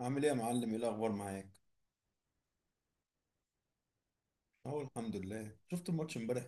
عامل ايه يا معلم؟ ايه الاخبار معاك؟ اه، الحمد لله. شفت الماتش امبارح.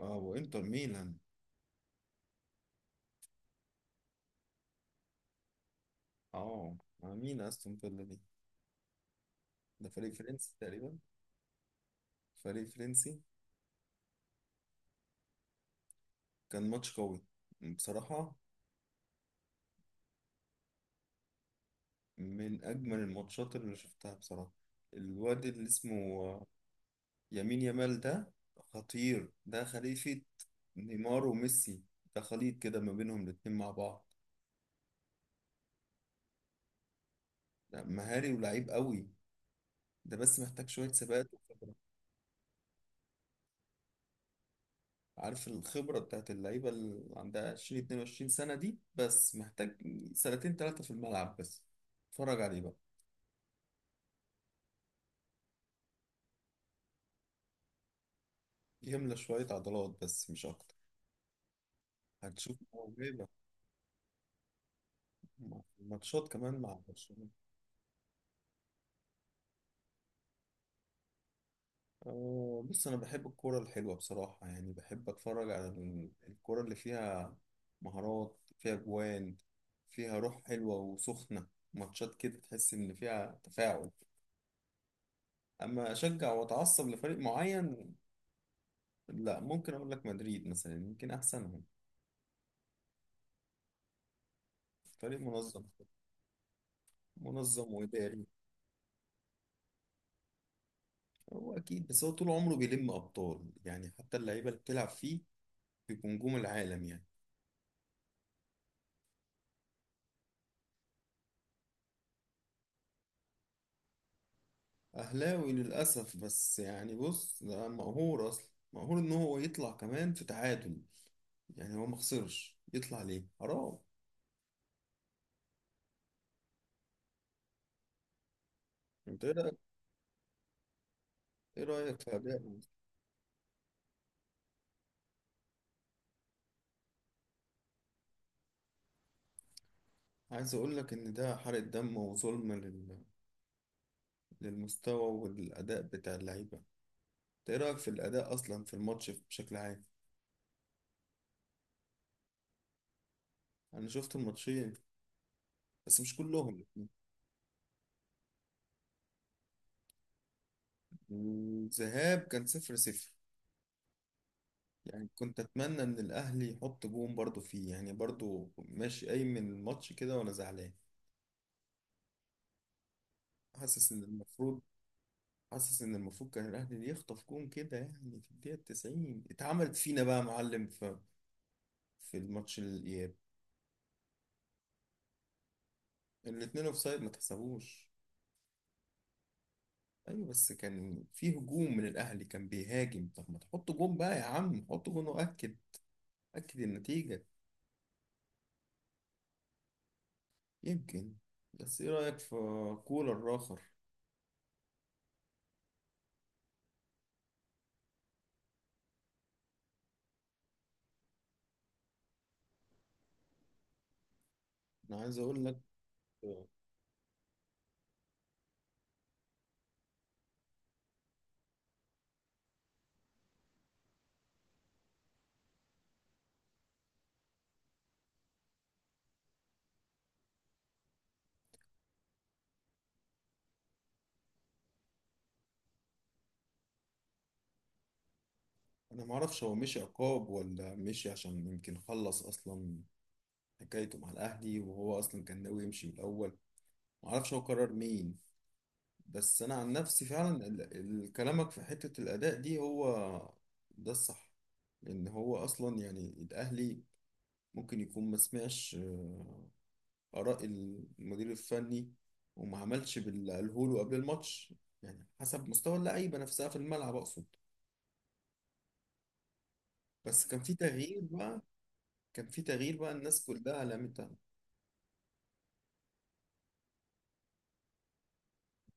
اه، وانتر ميلان. اه، مع مين استون فيلا دي؟ ده فريق فرنسي تقريبا. فريق فرنسي. كان ماتش قوي بصراحة. من اجمل الماتشات اللي شفتها بصراحة. الواد اللي اسمه يمين يامال ده خطير. ده خليفة نيمار وميسي. ده خليط كده ما بينهم الاتنين مع بعض. ده مهاري ولعيب قوي. ده بس محتاج شوية ثبات. عارف الخبرة بتاعت اللعيبة اللي عندها 20 22 سنة دي، بس محتاج سنتين ثلاثة في الملعب بس. اتفرج عليه بقى. يملى شوية عضلات بس مش أكتر. هتشوف موهبة. مع الماتشات كمان مع برشلونة. بص، أنا بحب الكورة الحلوة بصراحة، يعني بحب أتفرج على الكورة اللي فيها مهارات، فيها جوان، فيها روح حلوة وسخنة. ماتشات كده تحس إن فيها تفاعل، أما أشجع وأتعصب لفريق معين، لا. ممكن اقول لك مدريد مثلا، يمكن احسنهم. فريق منظم. منظم واداري. هو اكيد، بس هو طول عمره بيلم ابطال، يعني حتى اللعيبه اللي بتلعب فيه بيبقوا نجوم العالم يعني. اهلاوي للاسف، بس يعني بص، ده مقهور اصلا. مقهور ان هو يطلع كمان في تعادل. يعني هو ما خسرش، يطلع ليه؟ حرام. انت ايه رايك؟ ايه رايك في اداء؟ عايز اقول لك ان ده حرق دم وظلم للمستوى والاداء بتاع اللعيبه. انت ايه رايك في الاداء اصلا في الماتش بشكل عام؟ انا شفت الماتشين بس مش كلهم. الذهاب كان 0-0. يعني كنت اتمنى ان الاهلي يحط جون برضو فيه، يعني برضو ماشي قايم من الماتش كده وانا زعلان. حاسس ان المفروض. حاسس ان المفروض كان الاهلي يخطف جون كده، يعني في الدقيقة 90 اتعملت فينا بقى يا معلم في الماتش الاياب. الاتنين اوفسايد، ما تحسبوش. ايوه، بس كان في هجوم من الاهلي، كان بيهاجم، طب ما تحط جون بقى يا عم، حط جون واكد. اكد النتيجة. يمكن. بس ايه رأيك في كولر آخر؟ انا عايز اقول لك. انا ما اعرفش هو مشي عقاب ولا مشي عشان يمكن خلص اصلا حكايته مع الاهلي، وهو اصلا كان ناوي يمشي من الاول. ما اعرفش هو قرر مين. بس انا عن نفسي فعلا كلامك في حتة الاداء دي هو ده الصح. لان هو اصلا يعني الاهلي ممكن يكون ما سمعش آراء المدير الفني، وما عملش باللي قاله له قبل الماتش. يعني حسب مستوى اللعيبة نفسها في الملعب أقصد. بس كان في تغيير بقى. كان في تغيير بقى، الناس كلها لمتها.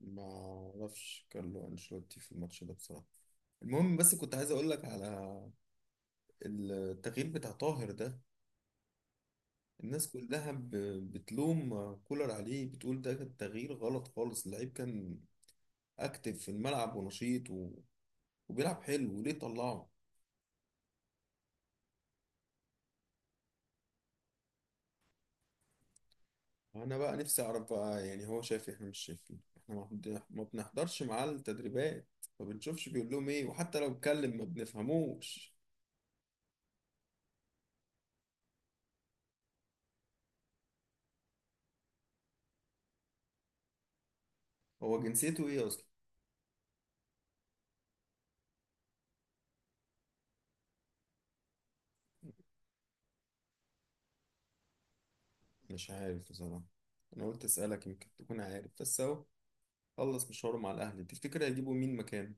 ما أعرفش كارلو أنشيلوتي في الماتش ده بصراحة. المهم، بس كنت عايز أقول لك على التغيير بتاع طاهر ده. الناس كلها بتلوم كولر عليه، بتقول ده كان تغيير غلط خالص، اللعيب كان أكتف في الملعب ونشيط وبيلعب حلو، وليه طلعه؟ انا بقى نفسي اعرف بقى، يعني هو شايف احنا مش شايفين. احنا ما بنحضرش معاه التدريبات، ما بنشوفش بيقول لهم ايه، وحتى لو اتكلم ما بنفهموش. هو جنسيته ايه اصلا؟ مش عارف بصراحة. انا قلت اسالك يمكن تكون عارف، بس اهو خلص مشواره مع الاهلي. تفتكر هيجيبوا مين مكانه؟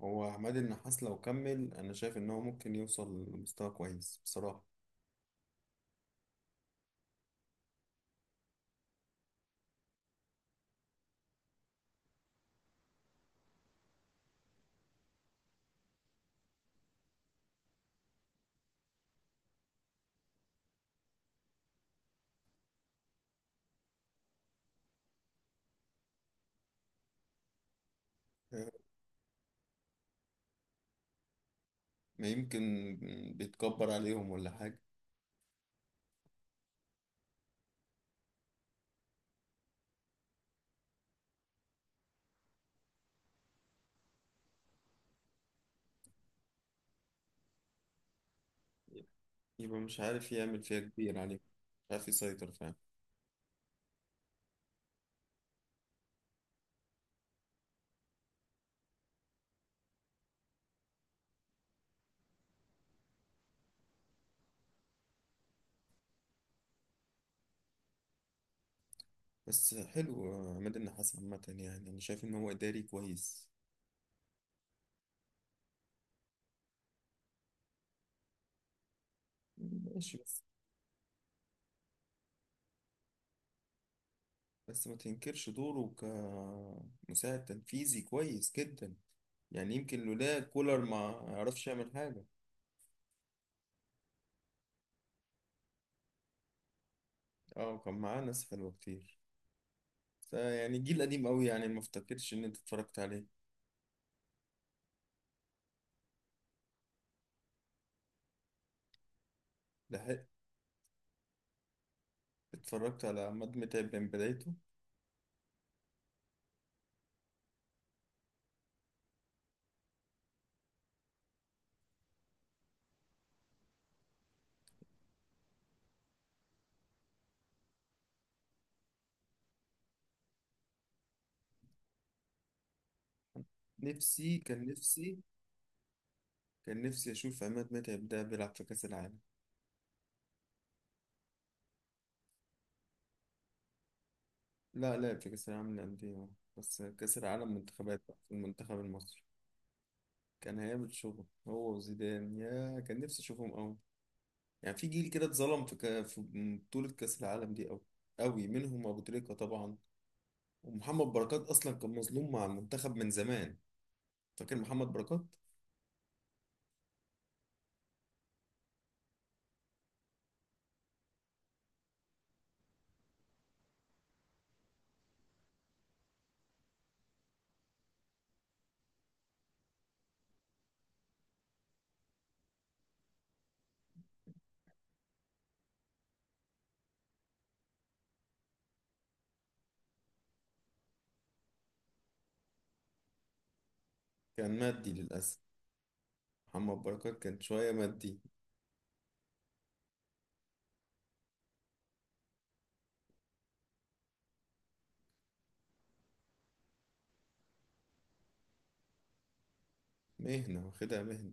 هو عماد النحاس لو كمل انا شايف ان هو ممكن يوصل لمستوى كويس بصراحة. ما يمكن بيتكبر عليهم ولا حاجة. يبقى مش عارف يعمل فيها كبير عليهم. مش عارف يسيطر فعلا. بس حلو، عماد النحاس عامة يعني أنا شايف إن هو إداري كويس. ماشي، بس. بس ما تنكرش دوره كمساعد تنفيذي كويس جدا. يعني يمكن لولا كولر ما عرفش يعمل حاجة. اه كان معاه ناس حلوة كتير، بس يعني جيل قديم قوي، يعني ما افتكرش إن أنت اتفرجت عليه. لحقت اتفرجت على عماد متعب من بدايته. نفسي كان نفسي كان نفسي أشوف عماد متعب ده بيلعب في كأس العالم. لا لعب في كأس العالم للأندية، بس كأس العالم منتخبات بقى، في المنتخب المصري. كان هيعمل شغل هو وزيدان، يا كان نفسي أشوفهم أوي. يعني في جيل كده اتظلم في بطولة كأس العالم دي أوي أوي، منهم أبو تريكة طبعا، ومحمد بركات أصلا كان مظلوم مع المنتخب من زمان. فاكر محمد بركات؟ كان مادي للأسف. محمد بركات كان شوية مادي. مهنة، واخدها مهنة.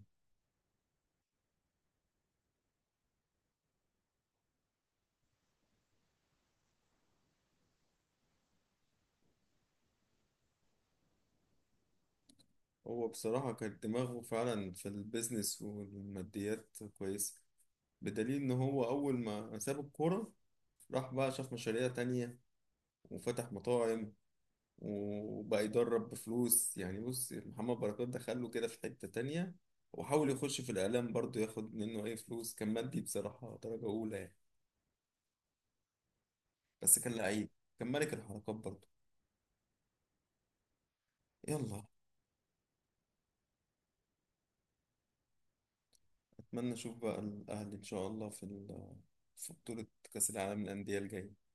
هو بصراحة كان دماغه فعلا في البيزنس والماديات كويسة. بدليل إن هو أول ما ساب الكورة، راح بقى شاف مشاريع تانية، وفتح مطاعم، وبقى يدرب بفلوس. يعني بص، محمد بركات دخله كده في حتة تانية. وحاول يخش في الإعلام برضه، ياخد منه أي فلوس. كان مادي بصراحة درجة أولى يعني، بس كان لعيب. كان ملك الحركات برضه. يلا. أتمنى أشوف بقى الأهلي إن شاء الله في بطولة كأس العالم للأندية الجاية.